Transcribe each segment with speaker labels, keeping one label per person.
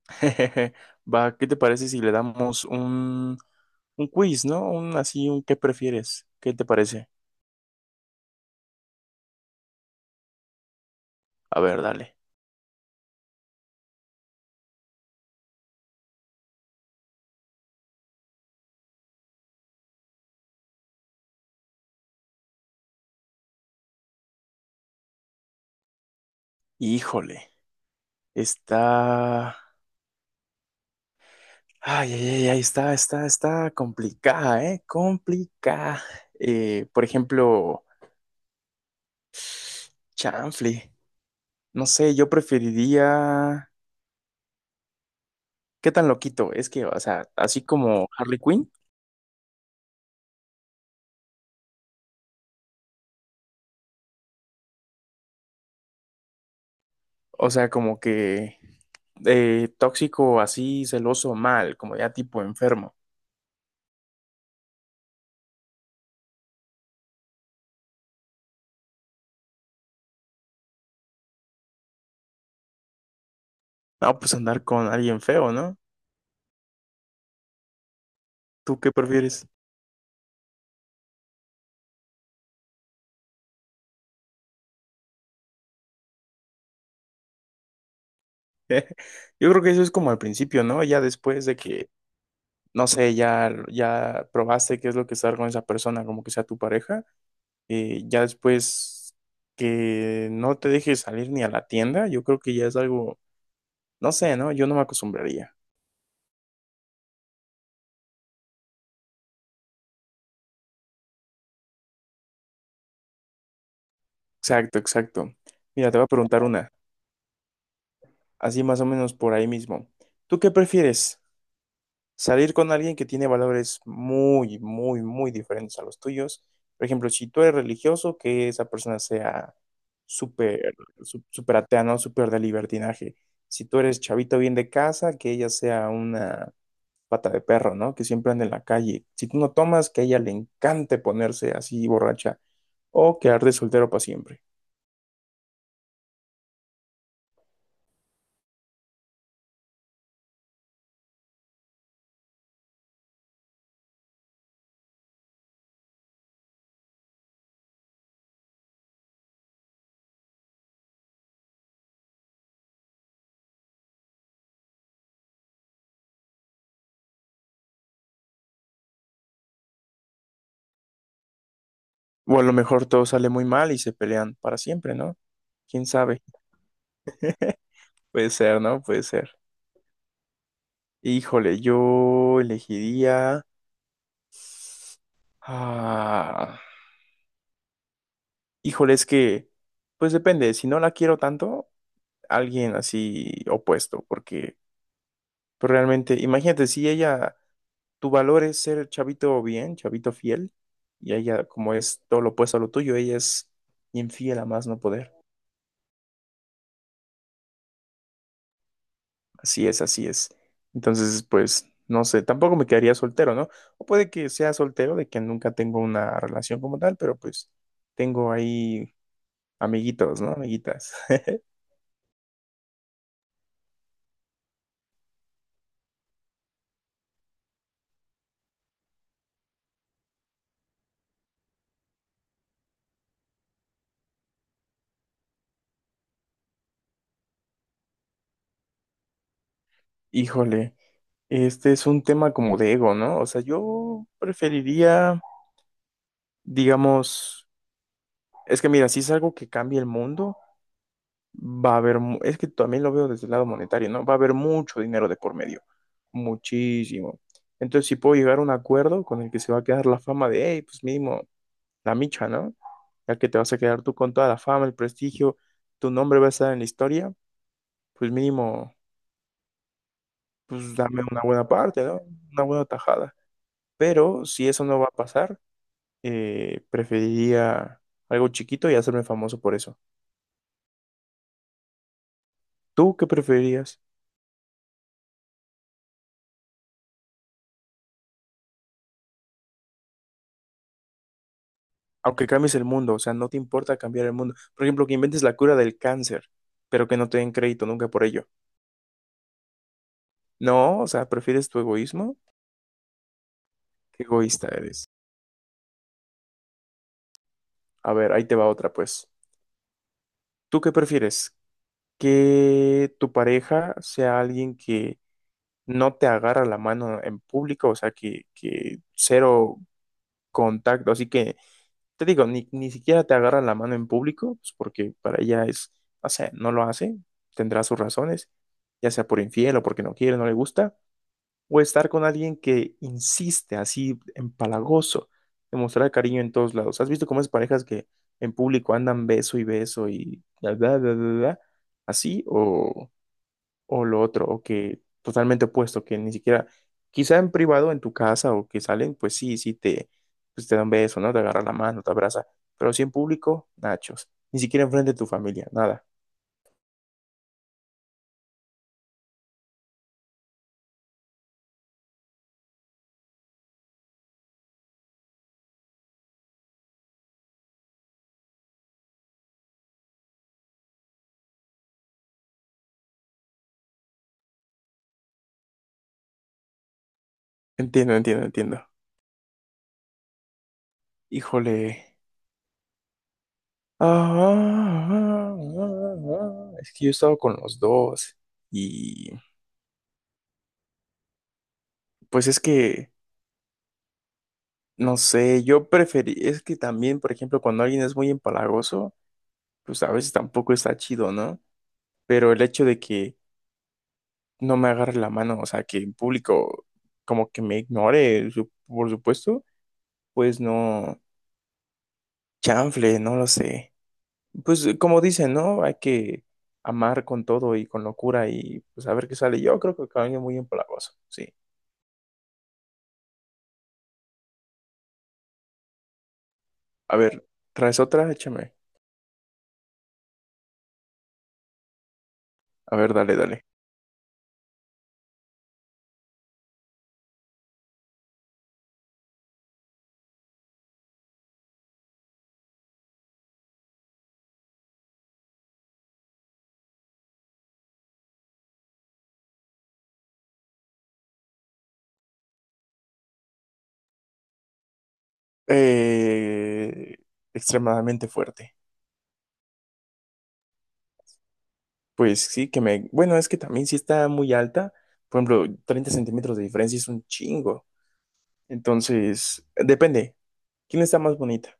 Speaker 1: Jejeje. Va, ¿qué te parece si le damos un quiz, ¿no? Un así, un ¿qué prefieres? ¿Qué te parece? A ver, dale. Híjole, está. Ay, ay, ay, ay, está complicada, ¿eh? Complicada. Por ejemplo, chanfle. No sé, yo preferiría. ¿Qué tan loquito? Es que, o sea, así como Harley Quinn, o sea, como que tóxico, así, celoso, mal, como ya tipo enfermo. No, pues andar con alguien feo, ¿no? ¿Tú qué prefieres? Yo creo que eso es como al principio, ¿no? Ya después de que, no sé, ya probaste qué es lo que es estar con esa persona, como que sea tu pareja, ya después que no te dejes salir ni a la tienda, yo creo que ya es algo, no sé, ¿no? Yo no me acostumbraría. Exacto, exacto. Mira, te voy a preguntar una, así más o menos por ahí mismo. ¿Tú qué prefieres? Salir con alguien que tiene valores muy, muy, muy diferentes a los tuyos. Por ejemplo, si tú eres religioso, que esa persona sea súper, súper atea, ¿no? Súper de libertinaje. Si tú eres chavito bien de casa, que ella sea una pata de perro, ¿no? Que siempre anda en la calle. Si tú no tomas, que a ella le encante ponerse así borracha o quedar de soltero para siempre. O a lo mejor todo sale muy mal y se pelean para siempre, ¿no? ¿Quién sabe? Puede ser, ¿no? Puede ser. Híjole, yo elegiría. Ah, híjole, es que, pues depende, si no la quiero tanto, alguien así opuesto, porque pues realmente, imagínate, si ella, tu valor es ser chavito bien, chavito fiel, y ella como es todo lo opuesto a lo tuyo, ella es infiel a más no poder. Así es, así es. Entonces, pues, no sé, tampoco me quedaría soltero, ¿no? O puede que sea soltero, de que nunca tengo una relación como tal, pero pues tengo ahí amiguitos, ¿no? Amiguitas. Híjole, este es un tema como de ego, ¿no? O sea, yo preferiría, digamos, es que mira, si es algo que cambia el mundo, va a haber, es que también lo veo desde el lado monetario, ¿no? Va a haber mucho dinero de por medio, muchísimo. Entonces, si puedo llegar a un acuerdo con el que se va a quedar la fama de, hey, pues mínimo, la micha, ¿no? Ya que te vas a quedar tú con toda la fama, el prestigio, tu nombre va a estar en la historia, pues mínimo. Pues dame una buena parte, ¿no? Una buena tajada. Pero si eso no va a pasar, preferiría algo chiquito y hacerme famoso por eso. ¿Tú qué preferirías? Aunque cambies el mundo, o sea, no te importa cambiar el mundo. Por ejemplo, que inventes la cura del cáncer, pero que no te den crédito nunca por ello. No, o sea, ¿prefieres tu egoísmo? Qué egoísta eres. A ver, ahí te va otra, pues. ¿Tú qué prefieres? ¿Que tu pareja sea alguien que no te agarra la mano en público, o sea, que cero contacto? Así que te digo, ni siquiera te agarra la mano en público, pues, porque para ella es, o sea, no lo hace, tendrá sus razones, ya sea por infiel o porque no quiere, no le gusta, o estar con alguien que insiste así empalagoso, demostrar cariño en todos lados. ¿Has visto cómo es parejas que en público andan beso y beso y bla, bla, bla, bla, bla? Así o lo otro, o que totalmente opuesto, que ni siquiera, quizá en privado, en tu casa o que salen, pues sí, sí te, pues te dan beso, ¿no? Te agarra la mano, te abraza, pero sí en público, nachos, ni siquiera enfrente de tu familia, nada. Entiendo, entiendo, entiendo. Híjole. Ah, es que yo he estado con los dos y pues es que, no sé, yo preferí, es que también, por ejemplo, cuando alguien es muy empalagoso, pues a veces tampoco está chido, ¿no? Pero el hecho de que no me agarre la mano, o sea, que en público como que me ignore, por supuesto, pues no, chanfle, no lo sé. Pues como dicen, ¿no? Hay que amar con todo y con locura y pues a ver qué sale. Yo creo que cambia muy empalagoso, sí. A ver, ¿traes otra? Échame. A ver, dale, dale. Eh, Extremadamente fuerte. Pues sí, que me. Bueno, es que también si está muy alta. Por ejemplo, 30 centímetros de diferencia es un chingo. Entonces, depende. ¿Quién está más bonita?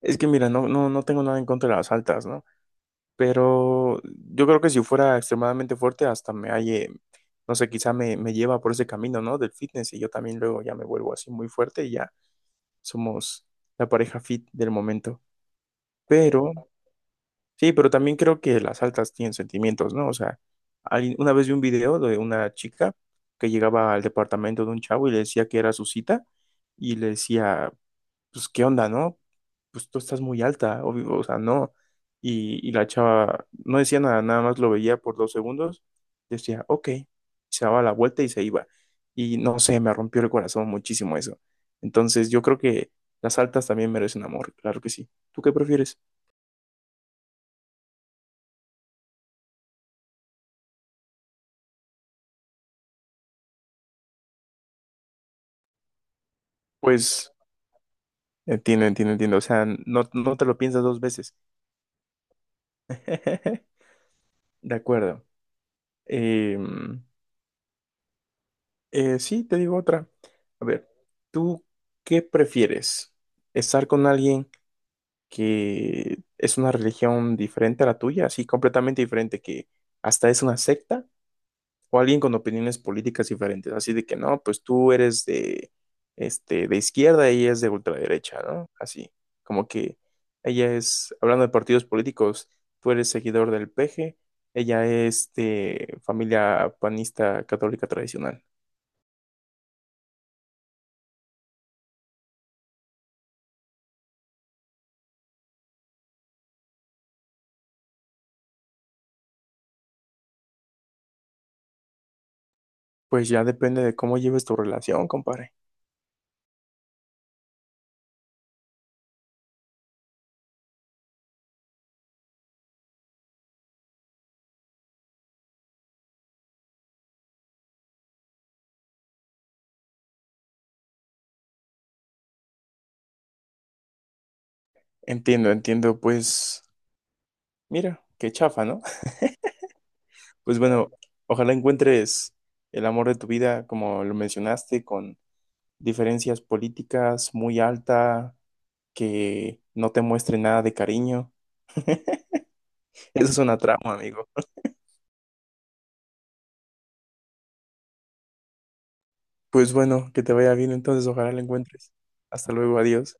Speaker 1: Es que mira, no, no, no tengo nada en contra de las altas, ¿no? Pero yo creo que si fuera extremadamente fuerte, hasta me halle, no sé, quizá me lleva por ese camino, ¿no? Del fitness y yo también luego ya me vuelvo así muy fuerte y ya somos la pareja fit del momento. Pero, sí, pero también creo que las altas tienen sentimientos, ¿no? O sea, una vez vi un video de una chica que llegaba al departamento de un chavo y le decía que era su cita y le decía, pues, ¿qué onda, no? Pues tú estás muy alta, obvio, o sea, no. Y la chava no decía nada, nada más lo veía por dos segundos, decía, ok, se daba la vuelta y se iba. Y no sé, me rompió el corazón muchísimo eso. Entonces yo creo que las altas también merecen amor, claro que sí. ¿Tú qué prefieres? Pues entiendo, entiendo, entiendo. O sea, no, no te lo piensas dos veces. De acuerdo. Em, sí, te digo otra. A ver, ¿tú qué prefieres? ¿Estar con alguien que es una religión diferente a la tuya, así completamente diferente, que hasta es una secta, o alguien con opiniones políticas diferentes, así de que no, pues tú eres de izquierda y ella es de ultraderecha, ¿no? Así, como que ella es, hablando de partidos políticos, tú eres seguidor del PG, ella es de familia panista católica tradicional. Pues ya depende de cómo lleves tu relación, compadre. Entiendo, entiendo, pues mira, qué chafa, ¿no? Pues bueno, ojalá encuentres el amor de tu vida, como lo mencionaste, con diferencias políticas muy alta, que no te muestre nada de cariño. Eso es una trama, amigo. Pues bueno, que te vaya bien entonces, ojalá la encuentres. Hasta luego, adiós.